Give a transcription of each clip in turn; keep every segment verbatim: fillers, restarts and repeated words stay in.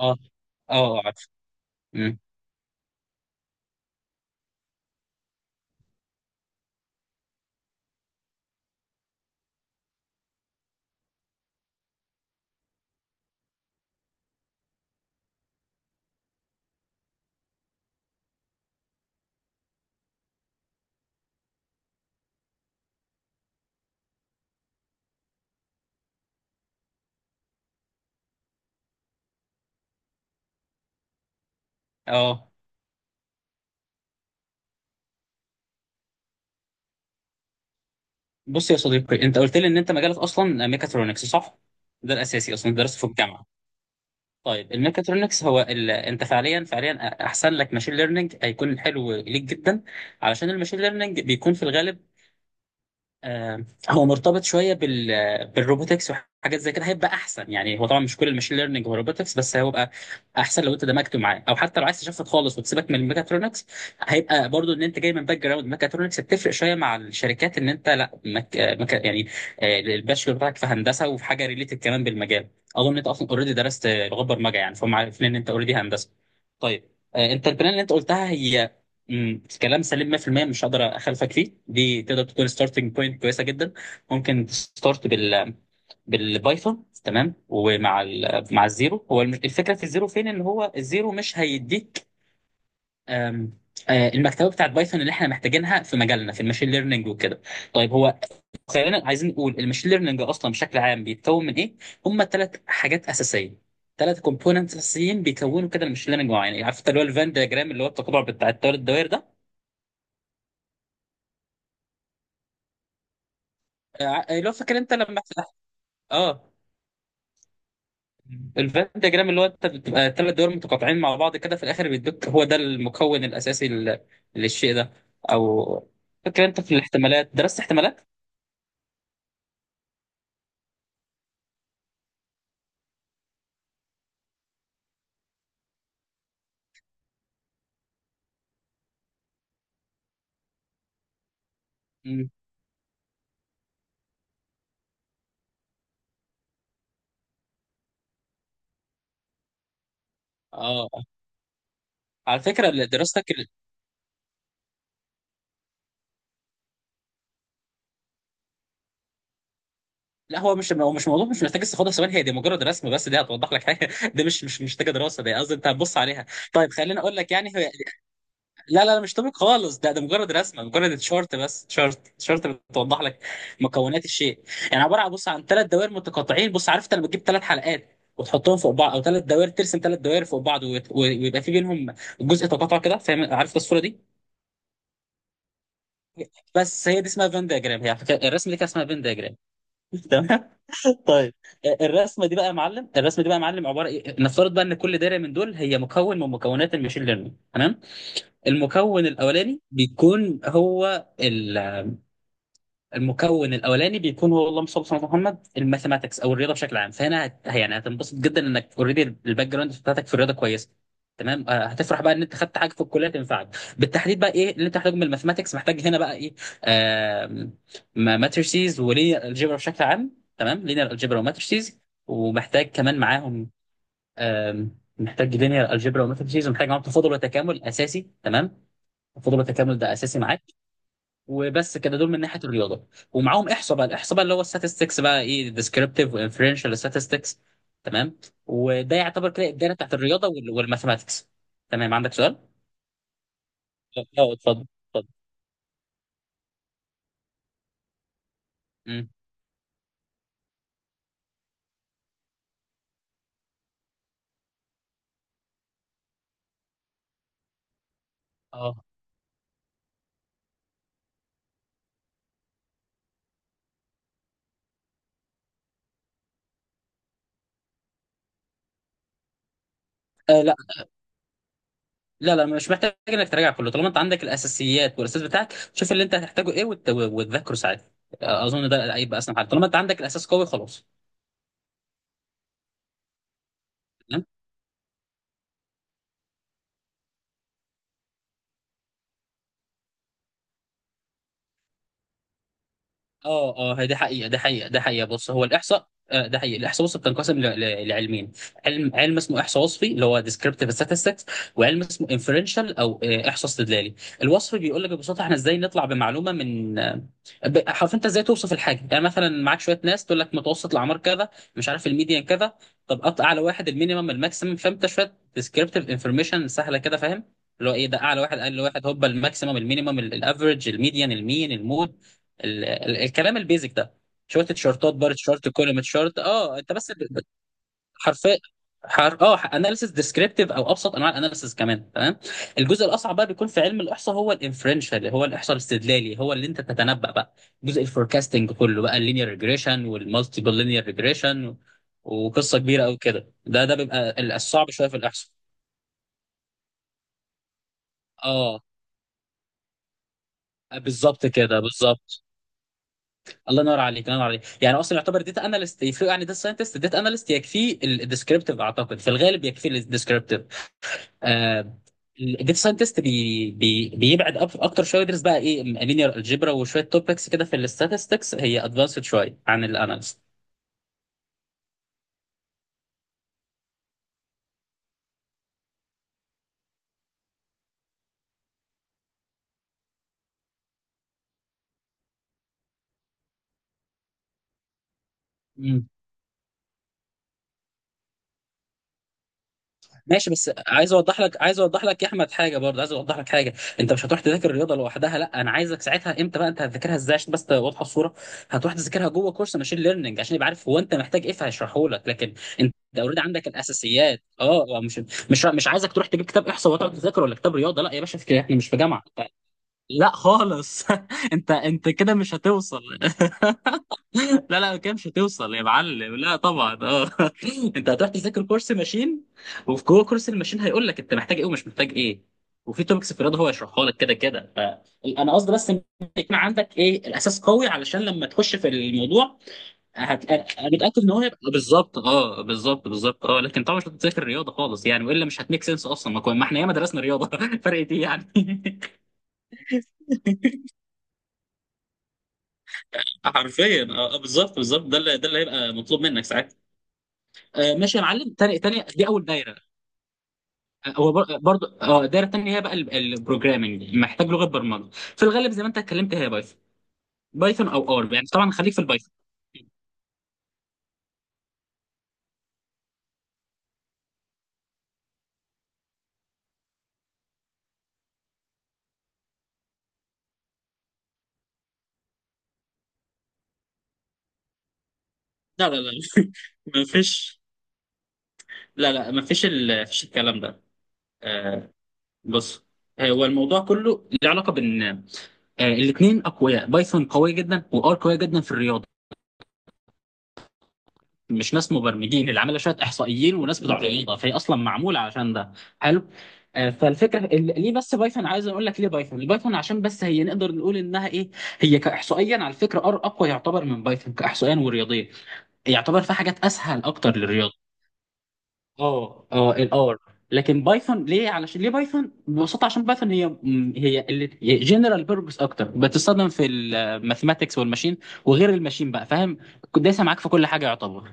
اه اه عارف مم. اه بص يا صديقي، انت قلت لي ان انت مجالك اصلا ميكاترونكس صح؟ ده الاساسي اصلا درسته في الجامعه. طيب الميكاترونكس هو ال... انت فعليا فعليا احسن لك ماشين ليرنينج هيكون حلو ليك جدا، علشان الماشين ليرنينج بيكون في الغالب آه، هو مرتبط شويه بال بالروبوتكس وحاجات زي كده هيبقى احسن. يعني هو طبعا مش كل الماشين ليرنينج هو روبوتكس، بس هيبقى احسن لو انت دمجته معاه، او حتى لو عايز تشفت خالص وتسيبك من الميكاترونكس هيبقى برضو ان انت جاي من باك جراوند ميكاترونكس بتفرق شويه مع الشركات ان انت لا مك... مك... يعني آه، الباشلور بتاعك في هندسه وفي حاجه ريليتد كمان بالمجال. اظن ان انت اصلا اوريدي درست آه، لغه برمجه، يعني فهم عارفين ان انت اوريدي هندسه. طيب آه، انت البلان اللي انت قلتها هي امم كلام سليم مائة بالمئة، مش هقدر اخالفك فيه، دي تقدر تكون ستارتنج بوينت كويسه جدا. ممكن تستارت بال بالبايثون تمام، ومع ال مع الزيرو هو الم- الفكره في الزيرو فين، ان هو الزيرو مش هيديك آم، آه، المكتبه بتاعت بايثون اللي احنا محتاجينها في مجالنا في الماشين ليرنينج وكده. طيب هو، خلينا عايزين نقول الماشين ليرنينج اصلا بشكل عام بيتكون من ايه؟ هم ثلاث حاجات اساسيه، ثلاث كومبوننتس اساسيين بيكونوا كده الماشين ليرنينج معين. عارف انت اللي هو الفان دياجرام، اللي هو التقاطع بتاع الثلاث دوائر ده؟ ع- لو فاكر انت لما اه الفان دياجرام اللي هو انت بتبقى ثلاث دول متقاطعين مع بعض كده في الاخر بيدوك هو ده المكون الاساسي لل- للشيء ده. او فاكر انت في الاحتمالات، درست احتمالات؟ مم. اه على فكره ال- دراستك ال- لا، هو مش، هو مش موضوع، مش محتاج استفاضه، ثواني هي دي مجرد رسم بس دي هتوضح لك حاجه دي مش مش مش محتاجه دراسه، دي قصدي انت هتبص عليها. طيب خليني اقول لك يعني، لا لا لا، مش طبيب خالص، ده ده مجرد رسمه، مجرد شارت بس، شارت شارت بتوضح لك مكونات الشيء، يعني عباره عن، بص، عن ثلاث دوائر متقاطعين. بص عرفت لما تجيب ثلاث حلقات وتحطهم فوق بعض، او ثلاث دوائر ترسم ثلاث دوائر فوق بعض، ويت- ويبقى في بينهم جزء تقاطع كده، فاهم؟ عرفت الصوره دي. بس هي دي اسمها فين دياجرام، هي على فكرة الرسمه دي كان اسمها فين دياجرام. تمام. طيب الرسمه دي بقى يا معلم، الرسمه دي بقى يا معلم عباره إيه؟ نفترض بقى ان كل دايره من دول هي مكون من مكونات المشين ليرنينج تمام. المكون الاولاني بيكون هو، المكون الاولاني بيكون هو، اللهم صل على محمد، الماثيماتكس او الرياضه بشكل عام. فهنا هت... يعني هتنبسط جدا انك اوريدي الباك جراوند بتاعتك في الرياضه كويسه تمام. آه، هتفرح بقى ان انت خدت حاجه في الكليه تنفعك. بالتحديد بقى ايه اللي انت محتاجه من الماثيماتكس؟ محتاج هنا بقى ايه، ماتريسيز ولينير الجبر بشكل عام، تمام، لينير الجبر وماتريسيز، ومحتاج كمان معاهم، آم، محتاج لينير الجبر وماتريسيز ومحتاج معاهم تفاضل وتكامل اساسي، تمام. تفاضل وتكامل ده اساسي معاك. وبس كده دول من ناحيه الرياضه، ومعاهم احصاء بقى، الاحصاء بقى اللي هو الستاتستكس بقى ايه، ديسكريبتيف وانفرنشال statistics تمام. وده يعتبر كده الدايره بتاعت الرياضه وال- والماثماتكس. تمام، عندك سؤال؟ اه اتفضل، اتفضل. مم. اه آه، لا، لا لا، مش محتاج انك تراجع كله، طالما انت عندك الاساسيات والاساس بتاعك شوف اللي انت هتحتاجه ايه وت- وتذاكره ساعتها. آه، اظن ده هيبقى اسهل حاجه طالما انت عندك الاساس قوي، خلاص. اه اه هي دي حقيقة، ده حقيقة، ده حقيقة. بص، هو الإحصاء آه ده حقيقي الإحصاء وصفي، بتنقسم ل- ل- لعلمين: علم، علم اسمه إحصاء وصفي اللي هو descriptive statistics، وعلم اسمه inferential أو آه إحصاء استدلالي. الوصفي بيقول لك ببساطة احنا إزاي نطلع بمعلومة من آه، ب- حرف، أنت إزاي توصف الحاجة، يعني مثلا معاك شوية ناس تقول لك متوسط الأعمار كذا، مش عارف الميديان كذا، طب قط أعلى واحد، المينيمم، الماكسيمم، فأنت شوية descriptive information سهلة كده، فاهم؟ اللي هو ايه، ده اعلى واحد اقل واحد، هوبا الماكسيمم المينيمم الافرج الميديان المين المود، ال... ال... الكلام البيزك ده، شويه تيشيرتات، بار تيشيرت، كولوم تيشيرت، اه انت بس ب- ب- حرفيا، حر... اه اناليسيس ديسكريبتيف، او ابسط انواع الاناليسيس كمان تمام. الجزء الاصعب بقى بيكون في علم الاحصاء هو الانفرنشال، هو الاحصاء الاستدلالي، هو اللي انت تتنبأ بقى، جزء الفوركاستنج كله بقى، اللينير ريجريشن والمالتيبل لينير ريجريشن، وقصه كبيره قوي كده، ده ده بيبقى ال- الصعب شويه في الاحصاء. اه بالظبط كده، بالظبط. الله ينور عليك، الله ينور عليك. يعني اصلا يعتبر داتا اناليست يفرق عن داتا ساينتست، داتا اناليست يكفيه الديسكريبتيف، اعتقد في الغالب يكفيه الديسكريبتيف. آه الداتا ساينتست بي بي بيبعد أك- اكتر شويه، يدرس بقى ايه، لينير الجبرا وشويه توبكس كده في الاستاتستكس، هي ادفانسد شويه عن الاناليست. ماشي، بس عايز اوضح لك، عايز اوضح لك يا احمد حاجه، برضه عايز اوضح لك حاجه. انت مش هتروح تذاكر الرياضه لوحدها، لا، انا عايزك ساعتها امتى بقى انت هتذاكرها ازاي عشان بس تبقى واضحه الصوره. هتروح تذاكرها جوه كورس ماشين ليرنينج، عشان يبقى عارف هو انت محتاج ايه فهيشرحه لك. لكن انت اوريدي عندك الاساسيات اه، آه، مش، مش، مش عايزك تروح تجيب كتاب احصاء وتقعد تذاكر، ولا كتاب رياضه، لا يا باشا فكرة، احنا مش في جامعه. لا خالص انت انت كده مش هتوصل لا لا كده مش هتوصل يا معلم، لا طبعا اه. انت هتروح تذاكر كورس ماشين، وفي جوه كورس الماشين هيقول لك انت محتاج ايه ومش محتاج ايه، وفي توبكس في الرياضه هو يشرحها لك كده كده. فانا قصدي بس ان يكون عندك ايه، الاساس قوي، علشان لما تخش في الموضوع، هت... انا متاكد ان هو هيبقى بالظبط، اه بالظبط بالظبط اه. لكن طبعا مش هتذاكر رياضه خالص يعني، والا مش هتميك سنس اصلا، ما كنا- ما احنا ياما درسنا رياضه فرق ايه يعني حرفيا اه آه، بالظبط بالظبط، ده اللي، ده اللي هيبقى مطلوب منك ساعتها. آه، ماشي يا معلم، تاني تاني دي اول دايره. هو بر- برضو اه الدايره الثانيه هي بقى البروجرامنج، محتاج لغه برمجه في الغالب زي ما انت اتكلمت هي بايثون، بايثون او ار يعني، طبعا خليك في البايثون. لا لا لا ما فيش، لا لا ما فيش ال... فيش الكلام ده. آه بص، هو الموضوع كله له علاقه بان آه الاثنين اقوياء، بايثون قويه جدا وار قويه جدا في الرياضه. مش ناس مبرمجين اللي عاملها، شويه احصائيين وناس بتوع رياضه، فهي اصلا معموله عشان ده، حلو. آه، فالفكره ال- ليه بس بايثون، عايز اقول لك ليه بايثون، البايثون عشان بس هي، نقدر نقول انها ايه، هي كاحصائيا على فكره ار اقوى يعتبر من بايثون كاحصائيا ورياضيا، يعتبر في حاجات اسهل اكتر للرياضه. اه اه الار. لكن بايثون ليه؟ علشان ليه بايثون ببساطه، عشان بايثون هي م- هي اللي جنرال بيربس اكتر، بتستخدم في الماثماتكس والماشين وغير الماشين بقى، فاهم؟ دايسه معاك في كل حاجه يعتبر.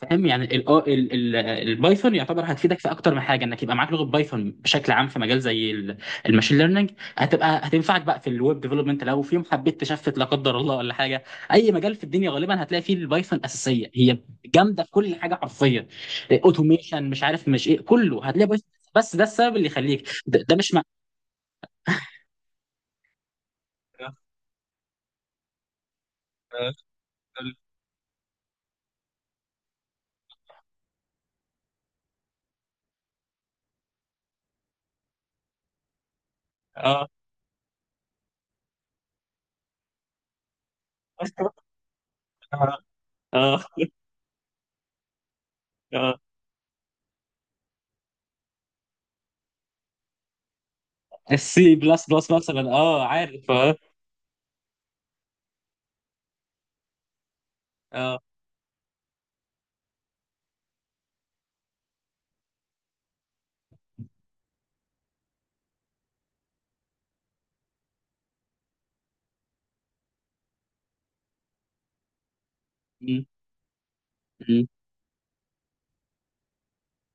فاهم يعني ال ال ال البايثون يعتبر هتفيدك في اكتر من حاجه، انك يبقى معاك لغه بايثون بشكل عام في مجال زي ال- الماشين ليرنينج، هتبقى هتنفعك بقى في الويب ديفلوبمنت لو في يوم حبيت تشفت، لا قدر الله ولا حاجه. اي مجال في الدنيا غالبا هتلاقي فيه البايثون اساسيه هي، جامده في كل حاجه حرفيا، اوتوميشن مش عارف مش ايه، كله هتلاقي بايثون. بس ده السبب اللي يخليك، ده, ده مش مع... اه اه اه السي بلس بلس مثلا اه عارف اه اه م- م.